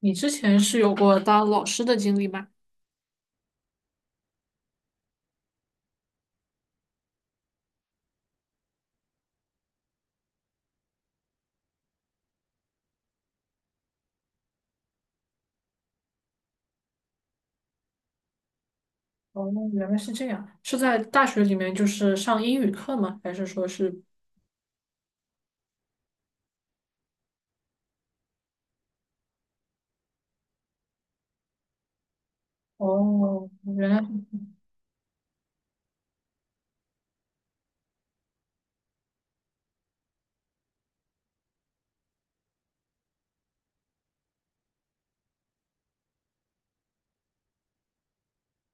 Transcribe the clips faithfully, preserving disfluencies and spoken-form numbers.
你之前是有过当老师的经历吗？哦，原来是这样，是在大学里面就是上英语课吗？还是说是？哦，原来，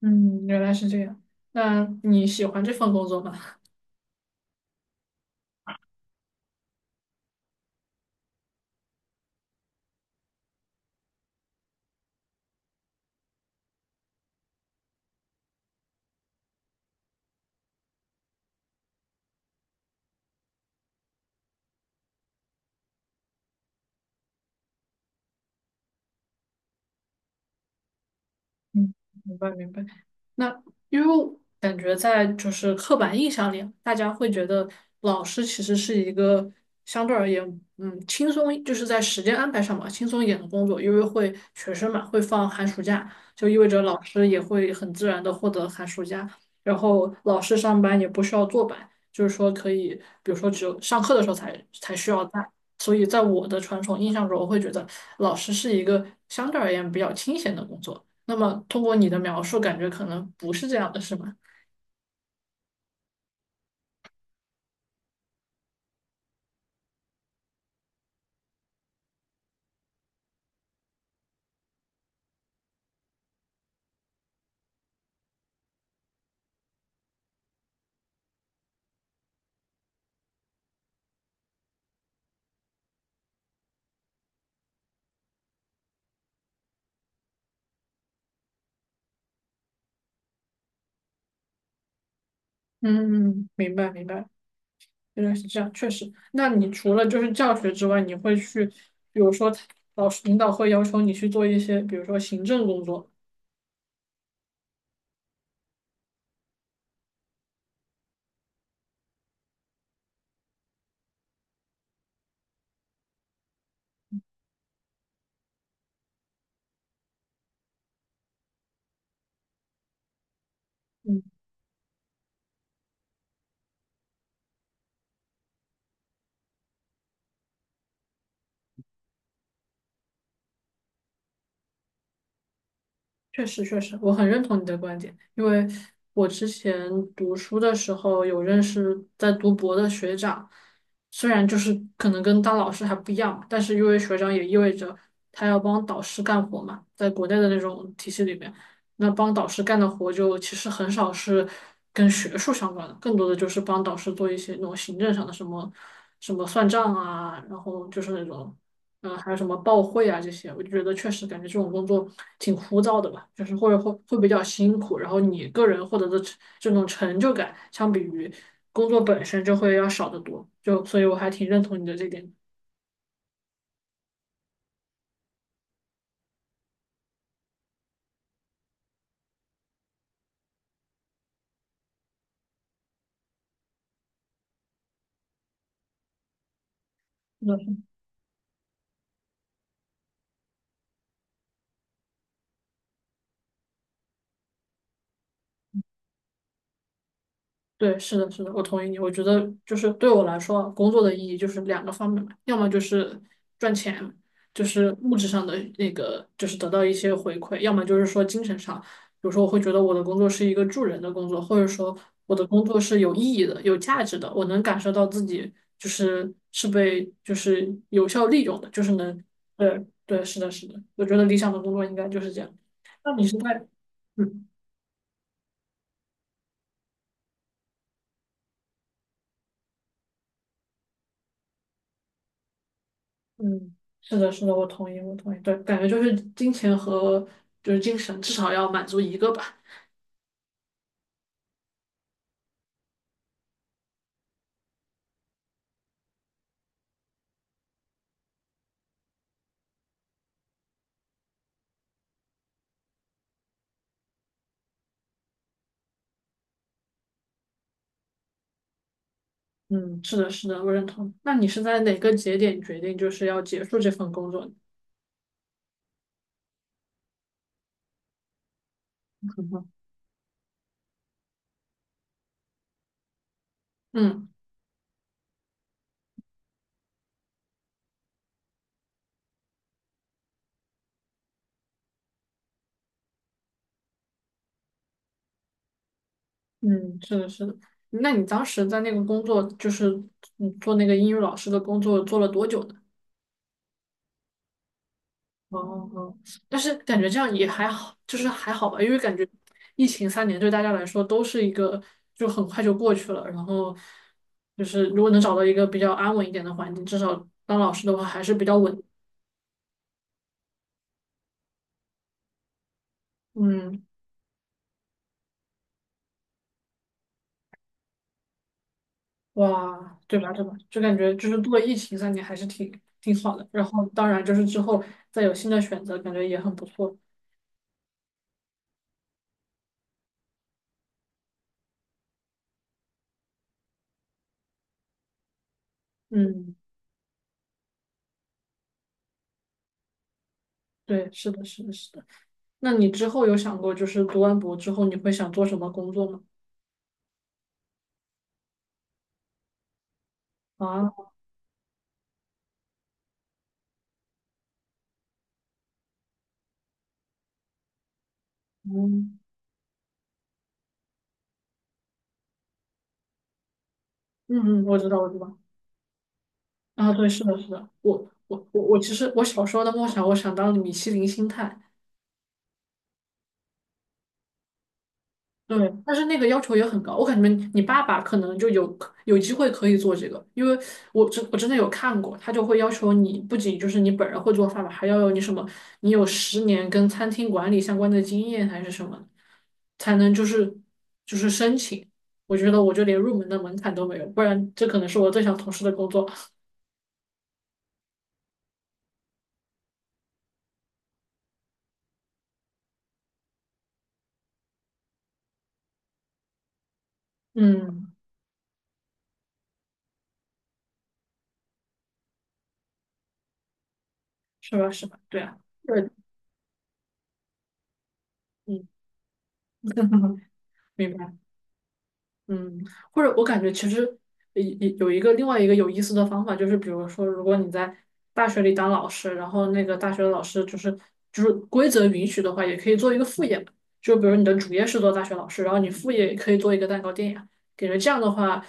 嗯，原来是这样。那你喜欢这份工作吗？嗯，明白明白。那因为我感觉在就是刻板印象里啊，大家会觉得老师其实是一个相对而言，嗯，轻松，就是在时间安排上嘛，轻松一点的工作，因为会学生嘛会放寒暑假，就意味着老师也会很自然的获得寒暑假，然后老师上班也不需要坐班，就是说可以，比如说只有上课的时候才才需要带。所以在我的传统印象中，我会觉得老师是一个相对而言比较清闲的工作。那么通过你的描述，感觉可能不是这样的，是吗？嗯，明白明白，原来是这样，确实。那你除了就是教学之外，你会去，比如说老师领导会要求你去做一些，比如说行政工作。嗯。确实，确实，我很认同你的观点，因为我之前读书的时候有认识在读博的学长，虽然就是可能跟当老师还不一样嘛，但是因为学长也意味着他要帮导师干活嘛，在国内的那种体系里面，那帮导师干的活就其实很少是跟学术相关的，更多的就是帮导师做一些那种行政上的什么什么算账啊，然后就是那种嗯，还有什么报会啊这些，我就觉得确实感觉这种工作挺枯燥的吧，就是会会会比较辛苦，然后你个人获得的成这种成就感，相比于工作本身就会要少得多，就所以我还挺认同你的这点。嗯，对，是的，是的，我同意你。我觉得就是对我来说啊，工作的意义就是两个方面嘛，要么就是赚钱，就是物质上的那个，就是得到一些回馈；要么就是说精神上，比如说我会觉得我的工作是一个助人的工作，或者说我的工作是有意义的、有价值的，我能感受到自己就是是被就是有效利用的，就是能，对对，是的，是的，我觉得理想的工作应该就是这样。那你是在嗯。嗯，是的，是的，我同意，我同意。对，感觉就是金钱和就是精神，至少要满足一个吧。嗯，是的，是的，我认同。那你是在哪个节点决定就是要结束这份工作的 嗯，嗯，是的，是的。那你当时在那个工作，就是嗯做那个英语老师的工作，做了多久呢？哦，哦，但是感觉这样也还好，就是还好吧，因为感觉疫情三年对大家来说都是一个就很快就过去了，然后就是如果能找到一个比较安稳一点的环境，至少当老师的话还是比较稳。嗯，哇，对吧对吧？就感觉就是度过疫情三年还是挺挺好的，然后当然就是之后再有新的选择，感觉也很不错。嗯，对，是的，是的，是的。那你之后有想过就是读完博之后你会想做什么工作吗？啊，嗯，嗯，嗯，我知道，我知道。啊，对，是的，是的。我我我我其实我小时候的梦想，我想当米其林星探。对，但是那个要求也很高。我感觉你爸爸可能就有有机会可以做这个，因为我真我真的有看过，他就会要求你不仅就是你本人会做饭吧，还要有你什么，你有十年跟餐厅管理相关的经验还是什么，才能就是就是申请。我觉得我就连入门的门槛都没有，不然这可能是我最想从事的工作。嗯，是吧？是吧？对啊。对。嗯，明白。嗯，或者我感觉其实有有一个另外一个有意思的方法，就是比如说，如果你在大学里当老师，然后那个大学的老师就是就是规则允许的话，也可以做一个副业嘛。就比如你的主业是做大学老师，然后你副业也可以做一个蛋糕店呀。感觉这样的话，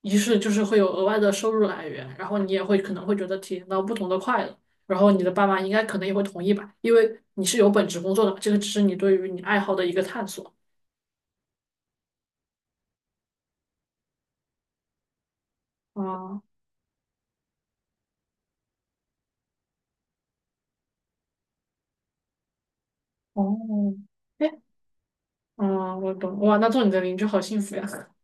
一是就是会有额外的收入来源，然后你也会可能会觉得体验到不同的快乐。然后你的爸妈应该可能也会同意吧，因为你是有本职工作的嘛，这个只是你对于你爱好的一个探索。啊。哦，哎，嗯，我懂，哇，那做你的邻居好幸福呀。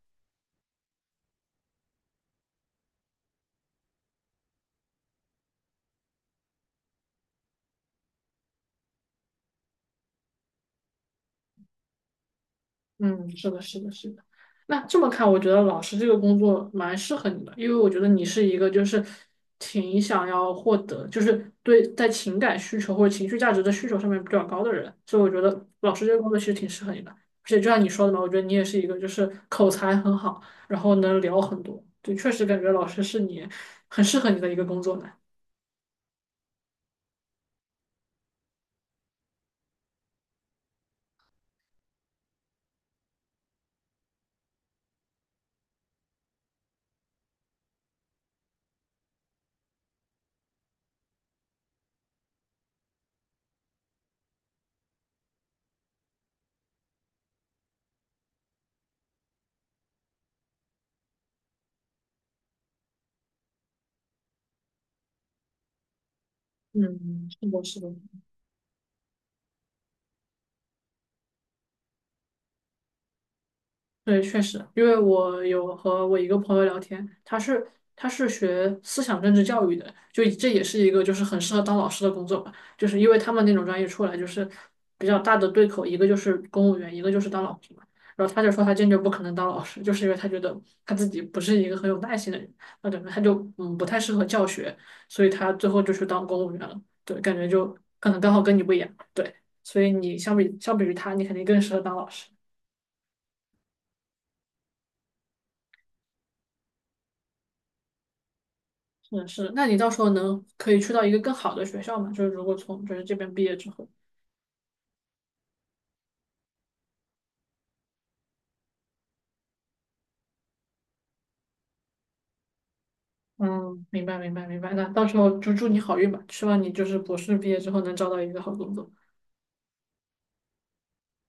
嗯，是的，是的，是的。那这么看，我觉得老师这个工作蛮适合你的，因为我觉得你是一个就是挺想要获得，就是对在情感需求或者情绪价值的需求上面比较高的人，所以我觉得老师这个工作其实挺适合你的。而且就像你说的嘛，我觉得你也是一个就是口才很好，然后能聊很多，对，确实感觉老师是你很适合你的一个工作呢。嗯，是的，是的。对，确实，因为我有和我一个朋友聊天，他是他是学思想政治教育的，就这也是一个就是很适合当老师的工作吧，就是因为他们那种专业出来就是比较大的对口，一个就是公务员，一个就是当老师嘛。然后他就说他坚决不可能当老师，就是因为他觉得他自己不是一个很有耐心的人，那感觉他就嗯不太适合教学，所以他最后就去当公务员了。对，感觉就可能刚好跟你不一样，对，所以你相比相比于他，你肯定更适合当老师。嗯，是。那你到时候能可以去到一个更好的学校嘛？就是如果从就是这边毕业之后，嗯，明白明白明白。那到时候就祝你好运吧，希望你就是博士毕业之后能找到一个好工作。